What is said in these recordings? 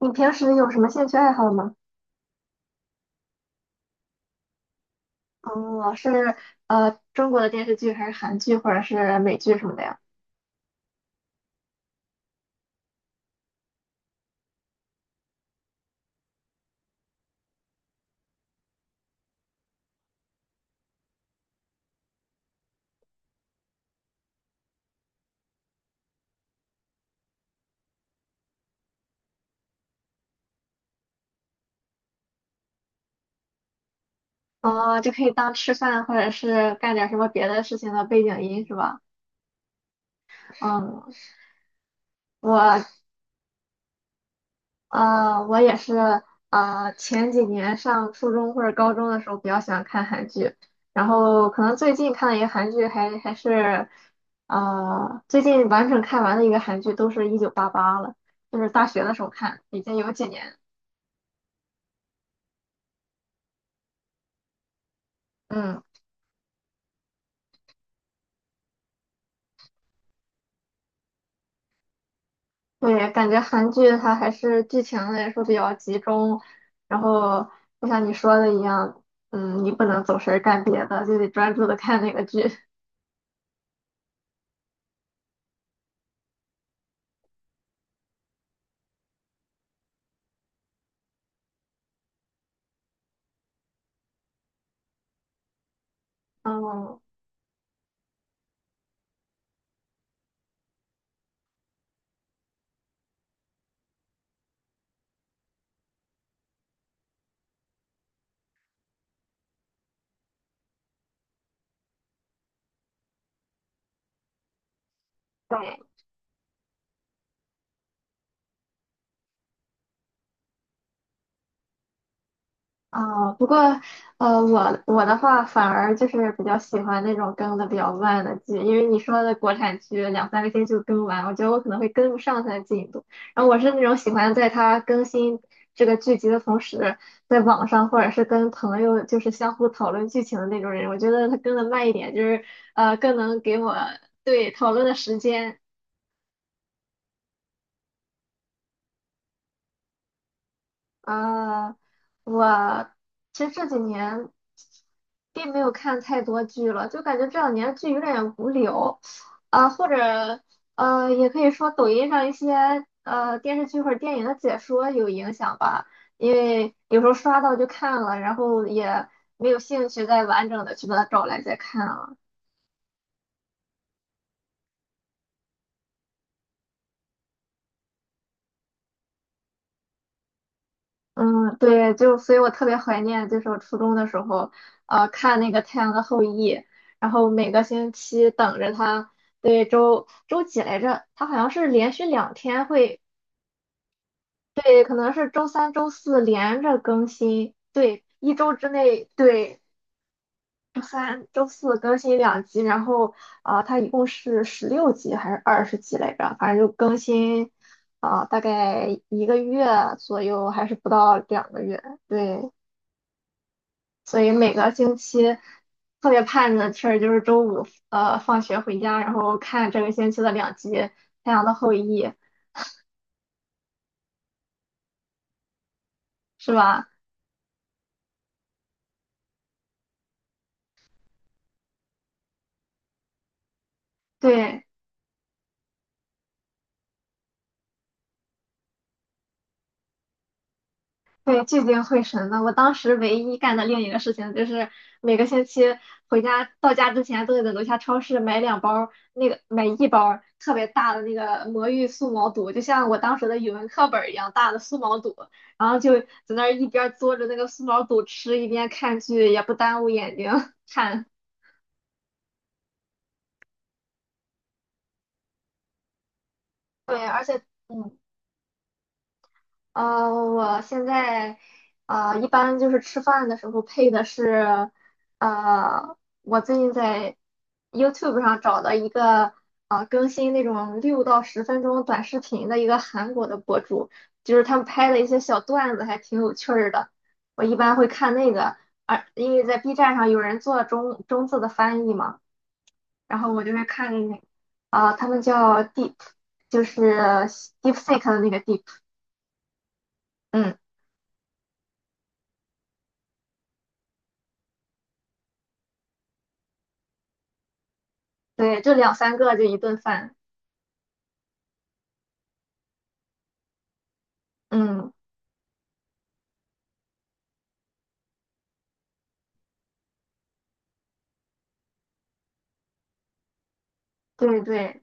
你平时有什么兴趣爱好吗？哦，是。中国的电视剧还是韩剧或者是美剧什么的呀？哦，就可以当吃饭或者是干点什么别的事情的背景音是吧？嗯，我我也是，前几年上初中或者高中的时候比较喜欢看韩剧，然后可能最近看的一个韩剧还是，最近完整看完的一个韩剧都是1988了，就是大学的时候看，已经有几年。嗯。对，感觉韩剧它还是剧情来说比较集中，然后就像你说的一样，你不能走神儿干别的，就得专注的看那个剧。嗯，对。啊，不过，我的话反而就是比较喜欢那种更的比较慢的剧，因为你说的国产剧两三个星期就更完，我觉得我可能会跟不上它的进度。然后我是那种喜欢在它更新这个剧集的同时，在网上或者是跟朋友就是相互讨论剧情的那种人。我觉得它更的慢一点，就是更能给我，对，讨论的时间。呃，我其实这几年并没有看太多剧了，就感觉这两年剧有点无聊。啊、或者也可以说抖音上一些电视剧或者电影的解说有影响吧，因为有时候刷到就看了，然后也没有兴趣再完整的去把它找来再看了。嗯，对，就所以我特别怀念，就是我初中的时候，看那个《太阳的后裔》，然后每个星期等着它。对，周几来着？它好像是连续两天会。对，可能是周三、周四连着更新，对，一周之内，对，周三、周四更新两集，然后，它一共是16集还是20集来着？反正就更新，大概一个月左右，还是不到两个月，对。所以每个星期特别盼的事儿就是周五放学回家，然后看这个星期的两集《太阳的后裔》，是吧？对对，聚精会神的。我当时唯一干的另一个事情就是每个星期回家到家之前都得在楼下超市买一包儿特别大的那个魔芋素毛肚，就像我当时的语文课本儿一样大的素毛肚，然后就在那儿一边儿嘬着那个素毛肚吃，一边看剧，也不耽误眼睛 看。对，而且，嗯，我现在，一般就是吃饭的时候配的是，呃，我最近在 YouTube 上找的一个，更新那种6到10分钟短视频的一个韩国的博主，就是他们拍的一些小段子，还挺有趣儿的。我一般会看那个，而因为在 B 站上有人做中字的翻译嘛，然后我就会看那个，他们叫 Deep，就是 DeepSeek 的那个 Deep。嗯，对，就两三个就一顿饭，嗯，对对。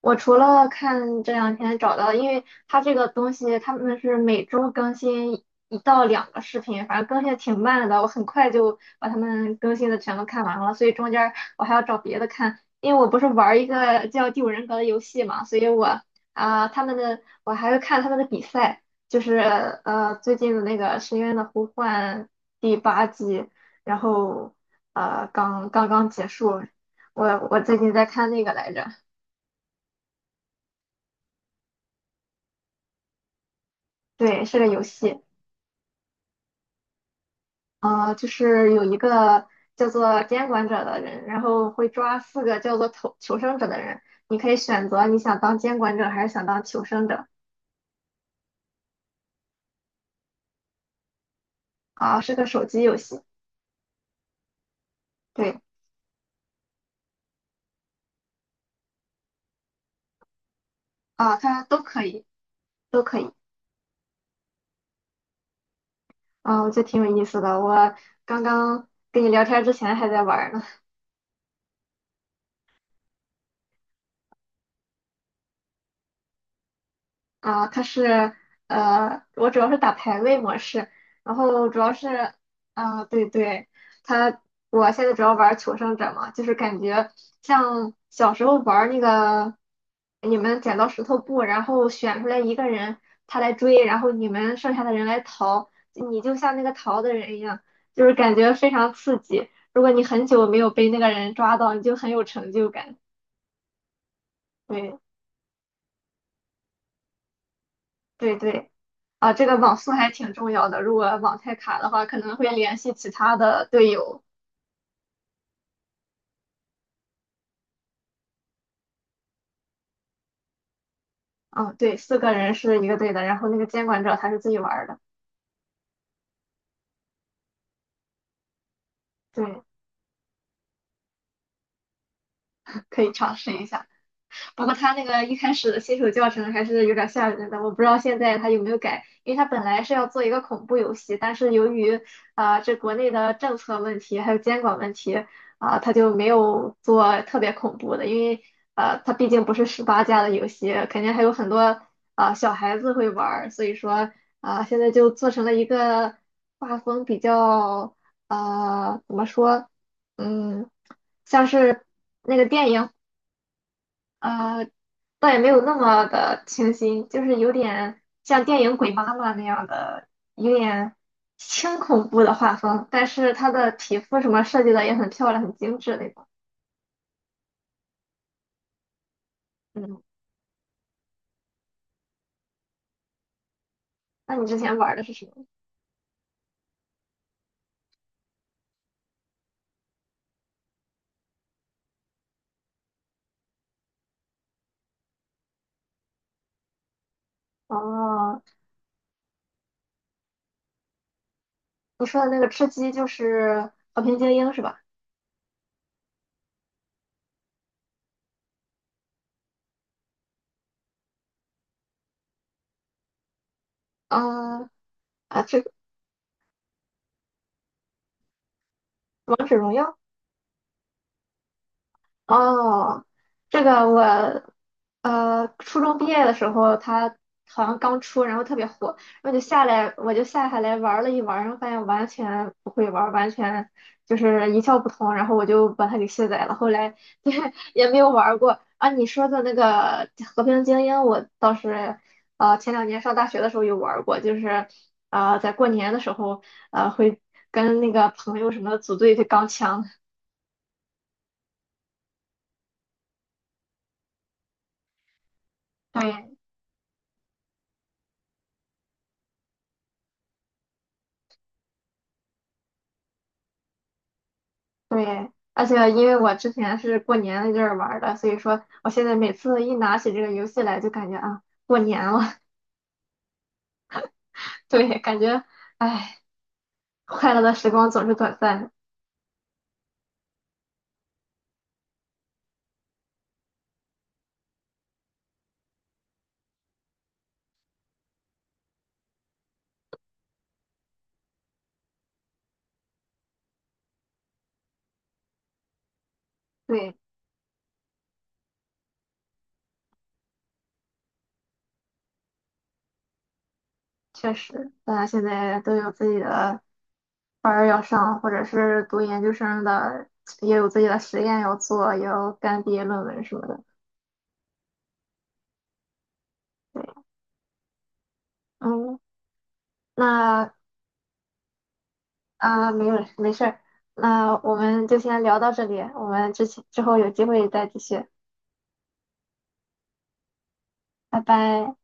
我除了看这两天找到，因为它这个东西他们是每周更新一到两个视频，反正更新的挺慢的，我很快就把他们更新的全都看完了，所以中间儿我还要找别的看，因为我不是玩儿一个叫《第五人格》的游戏嘛，所以我还会看他们的比赛，就是最近的那个《深渊的呼唤》第八季，然后刚刚结束，我我最近在看那个来着。对，是个游戏。就是有一个叫做监管者的人，然后会抓四个叫做求生者的人，你可以选择你想当监管者还是想当求生者啊。是个手机游戏，对。啊，它都可以，都可以。啊，我觉得挺有意思的，我刚刚跟你聊天之前还在玩儿呢。啊，我主要是打排位模式，然后主要是。对对，它我现在主要玩求生者嘛，就是感觉像小时候玩那个你们剪刀石头布，然后选出来一个人，他来追，然后你们剩下的人来逃，你就像那个逃的人一样，就是感觉非常刺激。如果你很久没有被那个人抓到，你就很有成就感。对对对。啊，这个网速还挺重要的。如果网太卡的话，可能会联系其他的队友。嗯，对，四个人是一个队的，然后那个监管者他是自己玩儿的。对，可以尝试一下。不过他那个一开始的新手教程还是有点吓人的，我不知道现在他有没有改，因为他本来是要做一个恐怖游戏，但是由于这国内的政策问题还有监管问题啊，他就没有做特别恐怖的，因为他毕竟不是18加的游戏，肯定还有很多小孩子会玩，所以说现在就做成了一个画风比较，怎么说，嗯像是那个电影。呃，倒也没有那么的清新，就是有点像电影《鬼妈妈》那样的，有点轻恐怖的画风，但是她的皮肤什么设计的也很漂亮，很精致那种。嗯，那你之前玩的是什么？哦，你说的那个吃鸡就是《和平精英》是吧？嗯，啊，这个《王者荣耀》，哦，这个我，初中毕业的时候，它好像刚出，然后特别火，然后就下来，我就下下来玩了一玩，然后发现完全不会玩，完全就是一窍不通，然后我就把它给卸载了，后来 对，也没有玩过。啊，你说的那个《和平精英》，我倒是前两年上大学的时候有玩过，就是在过年的时候会跟那个朋友什么的组队去钢枪。对对，而且因为我之前是过年那阵儿玩儿的，所以说我现在每次一拿起这个游戏来，就感觉啊，过年了。对，感觉哎，快乐的时光总是短暂的。对，确实，大家现在都有自己的班儿要上，或者是读研究生的，也有自己的实验要做，也要干毕业论文什么的。对，嗯，那啊，没有，没事儿，那我们就先聊到这里，我们之后有机会再继续，拜拜。